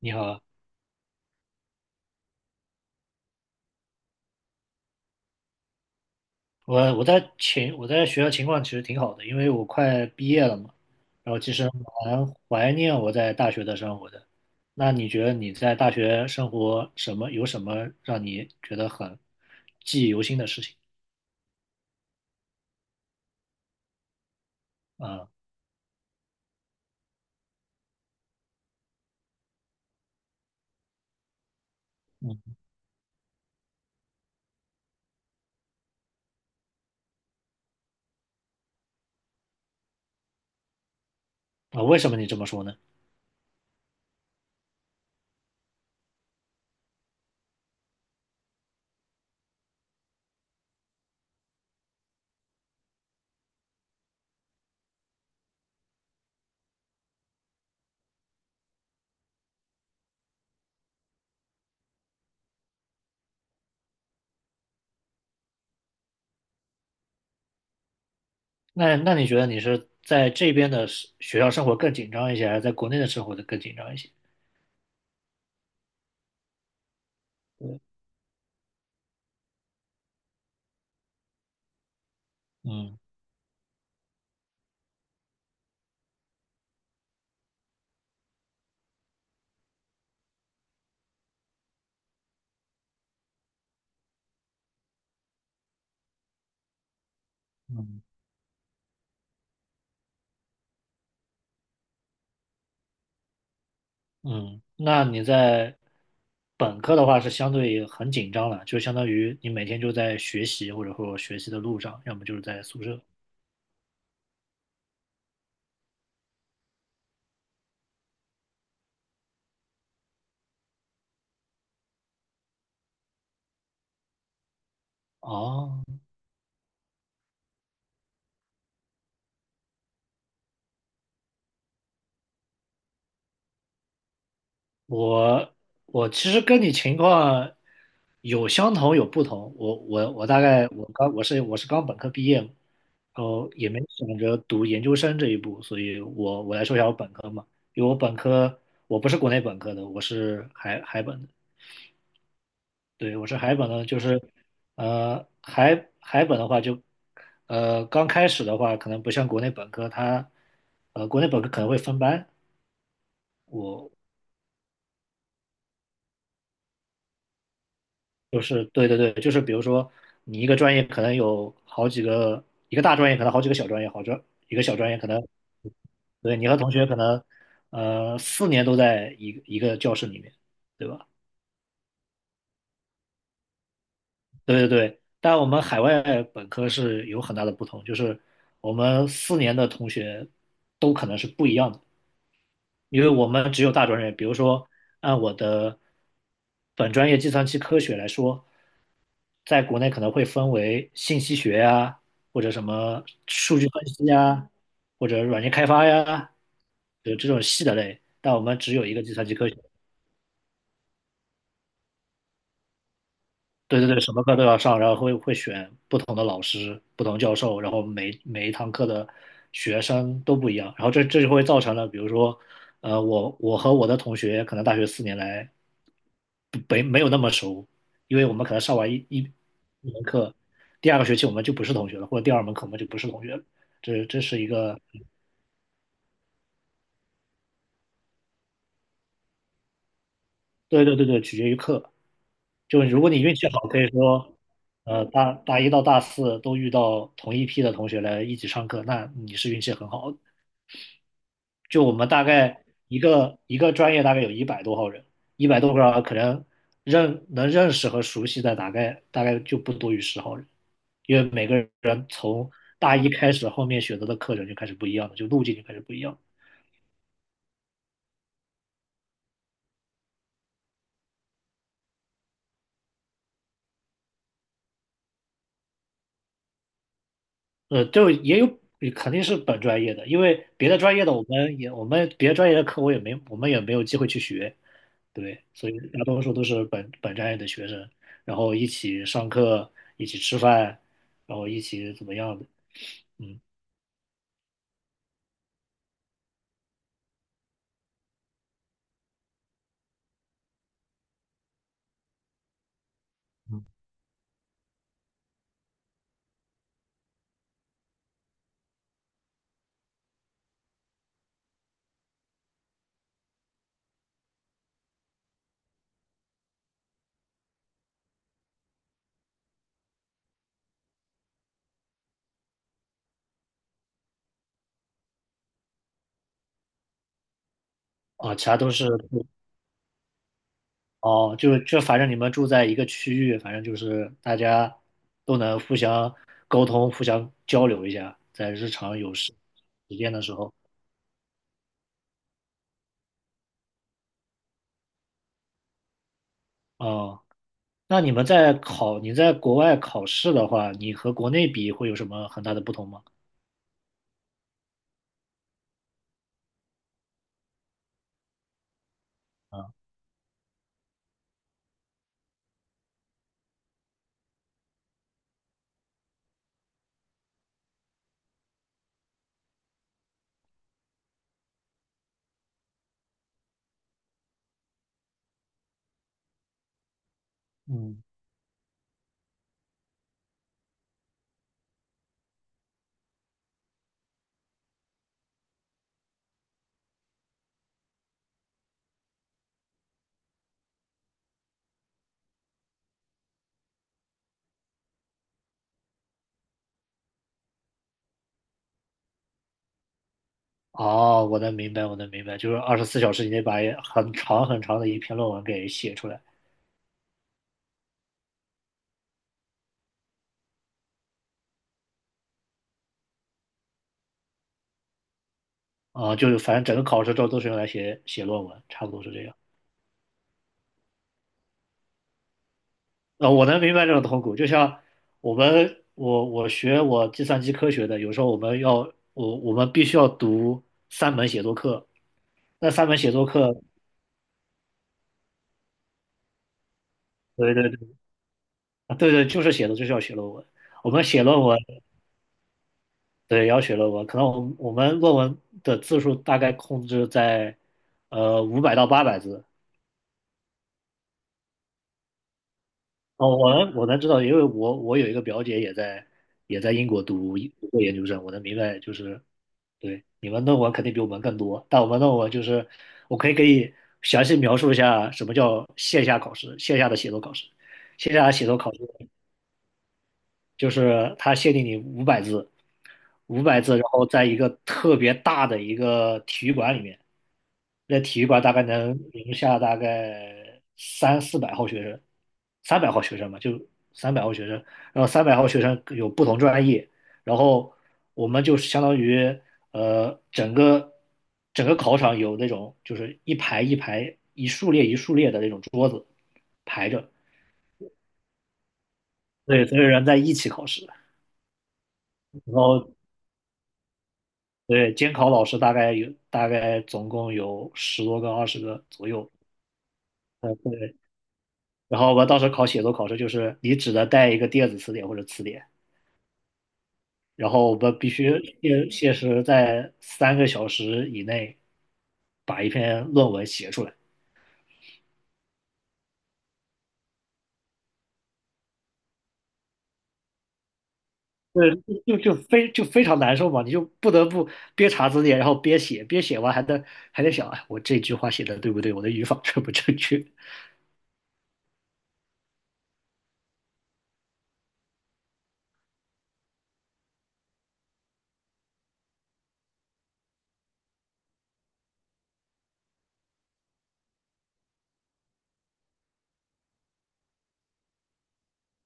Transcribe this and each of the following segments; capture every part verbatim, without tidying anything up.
你好。我我在情我在学校情况其实挺好的，因为我快毕业了嘛，然后其实蛮怀念我在大学的生活的。那你觉得你在大学生活什么有什么让你觉得很记忆犹新的事情啊？嗯。啊，为什么你这么说呢？那那你觉得你是在这边的是学校生活更紧张一些，还是在国内的生活的更紧张一些？嗯嗯嗯。那你在本科的话是相对很紧张了，就相当于你每天就在学习，或者说学习的路上，要么就是在宿舍。哦，我我其实跟你情况有相同有不同，我我我大概我刚我是我是刚本科毕业嘛，然后也没想着读研究生这一步，所以我我来说一下我本科嘛。因为我本科我不是国内本科的，我是海海本的，对，我是海本的，就是，呃，海海本的话就，呃，刚开始的话，可能不像国内本科，它，呃，国内本科可能会分班。我就是对对对，就是比如说你一个专业可能有好几个，一个大专业可能好几个小专业，好专一个小专业可能，对你和同学可能，呃，四年都在一个一个教室里面，对吧？对对对，但我们海外本科是有很大的不同，就是我们四年的同学都可能是不一样的，因为我们只有大专业。比如说，按我的本专业计算机科学来说，在国内可能会分为信息学呀，或者什么数据分析呀，或者软件开发呀，有这种细的类。但我们只有一个计算机科学。对对对，什么课都要上，然后会会选不同的老师、不同教授，然后每每一堂课的学生都不一样，然后这这就会造成了，比如说，呃，我我和我的同学可能大学四年来不没没有那么熟，因为我们可能上完一一一门课，第二个学期我们就不是同学了，或者第二门课我们就不是同学了，这这是一个。对对对对，取决于课。就如果你运气好，可以说，呃，大大一到大四都遇到同一批的同学来一起上课，那你是运气很好的。就我们大概一个一个专业大概有一百多号人，一百多个人可能认能认识和熟悉的大概大概就不多于十号人，因为每个人从大一开始后面选择的课程就开始不一样了，就路径就开始不一样了。呃，就也有肯定是本专业的，因为别的专业的我们也我们别的专业的课我也没，我们也没有机会去学。对，所以大多数都是本本专业的学生，然后一起上课，一起吃饭，然后一起怎么样的，嗯。啊，其他都是。哦，就就反正你们住在一个区域，反正就是大家都能互相沟通、互相交流一下，在日常有时时间的时候，嗯。那你们在考，你在国外考试的话，你和国内比会有什么很大的不同吗？嗯。哦，我能明白，我能明白，就是二十四小时以内把一很长很长的一篇论文给写出来。啊，就是反正整个考试周都是用来写写论文，差不多是这样。呃，我能明白这种痛苦，就像我们我我学我计算机科学的，有时候我们要我我们必须要读三门写作课，那三门写作课，对对对，对对，就是写的就是要写论文。我们写论文，对，要写论文，可能我们我们论文的字数大概控制在呃五百到八百字。哦，我能我能知道，因为我我有一个表姐也在也在英国读英读过研究生，我能明白就是，对，你们论文肯定比我们更多，但我们论文就是我可以给你详细描述一下什么叫线下考试，线下的写作考试，线下的写作考试就是他限定你五百字，五百字，然后在一个特别大的一个体育馆里面，那体育馆大概能容下大概三四百号学生，三百号学生嘛，就三百号学生，然后三百号学生有不同专业，然后我们就相当于呃整个整个考场有那种就是一排一排一竖列一竖列的那种桌子排着，对，所有人在一起考试，然后对，监考老师大概有大概总共有十多个、二十个左右。呃，对。然后我们当时考写作考试，就是你只能带一个电子词典或者词典，然后我们必须限限时在三个小时以内把一篇论文写出来。对，就就非就非常难受嘛，你就不得不边查字典，然后边写，边写完还得还得想，哎，我这句话写的对不对？我的语法 正不正确？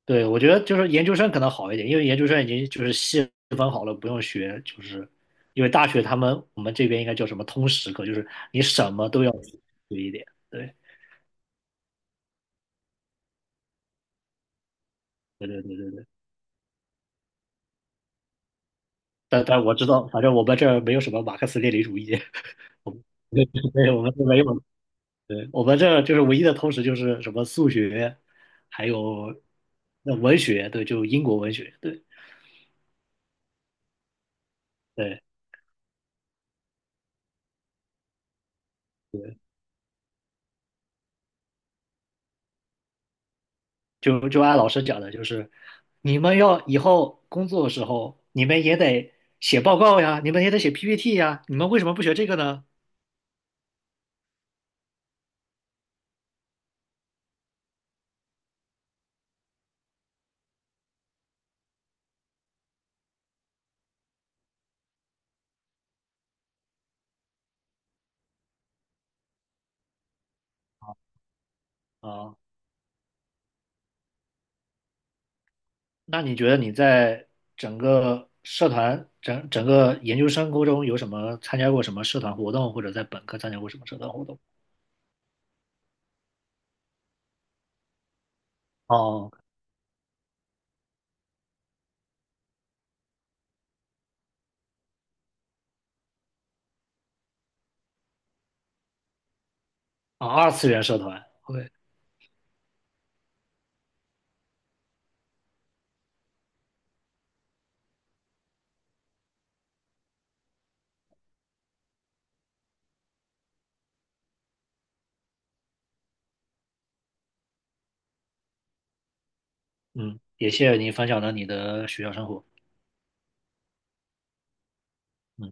对，我觉得就是研究生可能好一点，因为研究生已经就是细分好了，不用学，就是因为大学他们我们这边应该叫什么通识课，就是你什么都要学一点。对，对对对对对。但但我知道，反正我们这儿没有什么马克思列宁主义，对，对，我们这没有。对，我们这儿就是唯一的通识就是什么数学，还有那文学，对，就英国文学，对，对对。就就按老师讲的，就是你们要以后工作的时候，你们也得写报告呀，你们也得写 P P T 呀，你们为什么不学这个呢？啊，那你觉得你在整个社团、整整个研究生沟中有什么参加过什么社团活动，或者在本科参加过什么社团活动？哦。啊，二次元社团，OK。嗯，也谢谢你分享了你的学校生活，嗯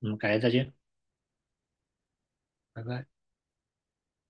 嗯，感谢再见，拜拜。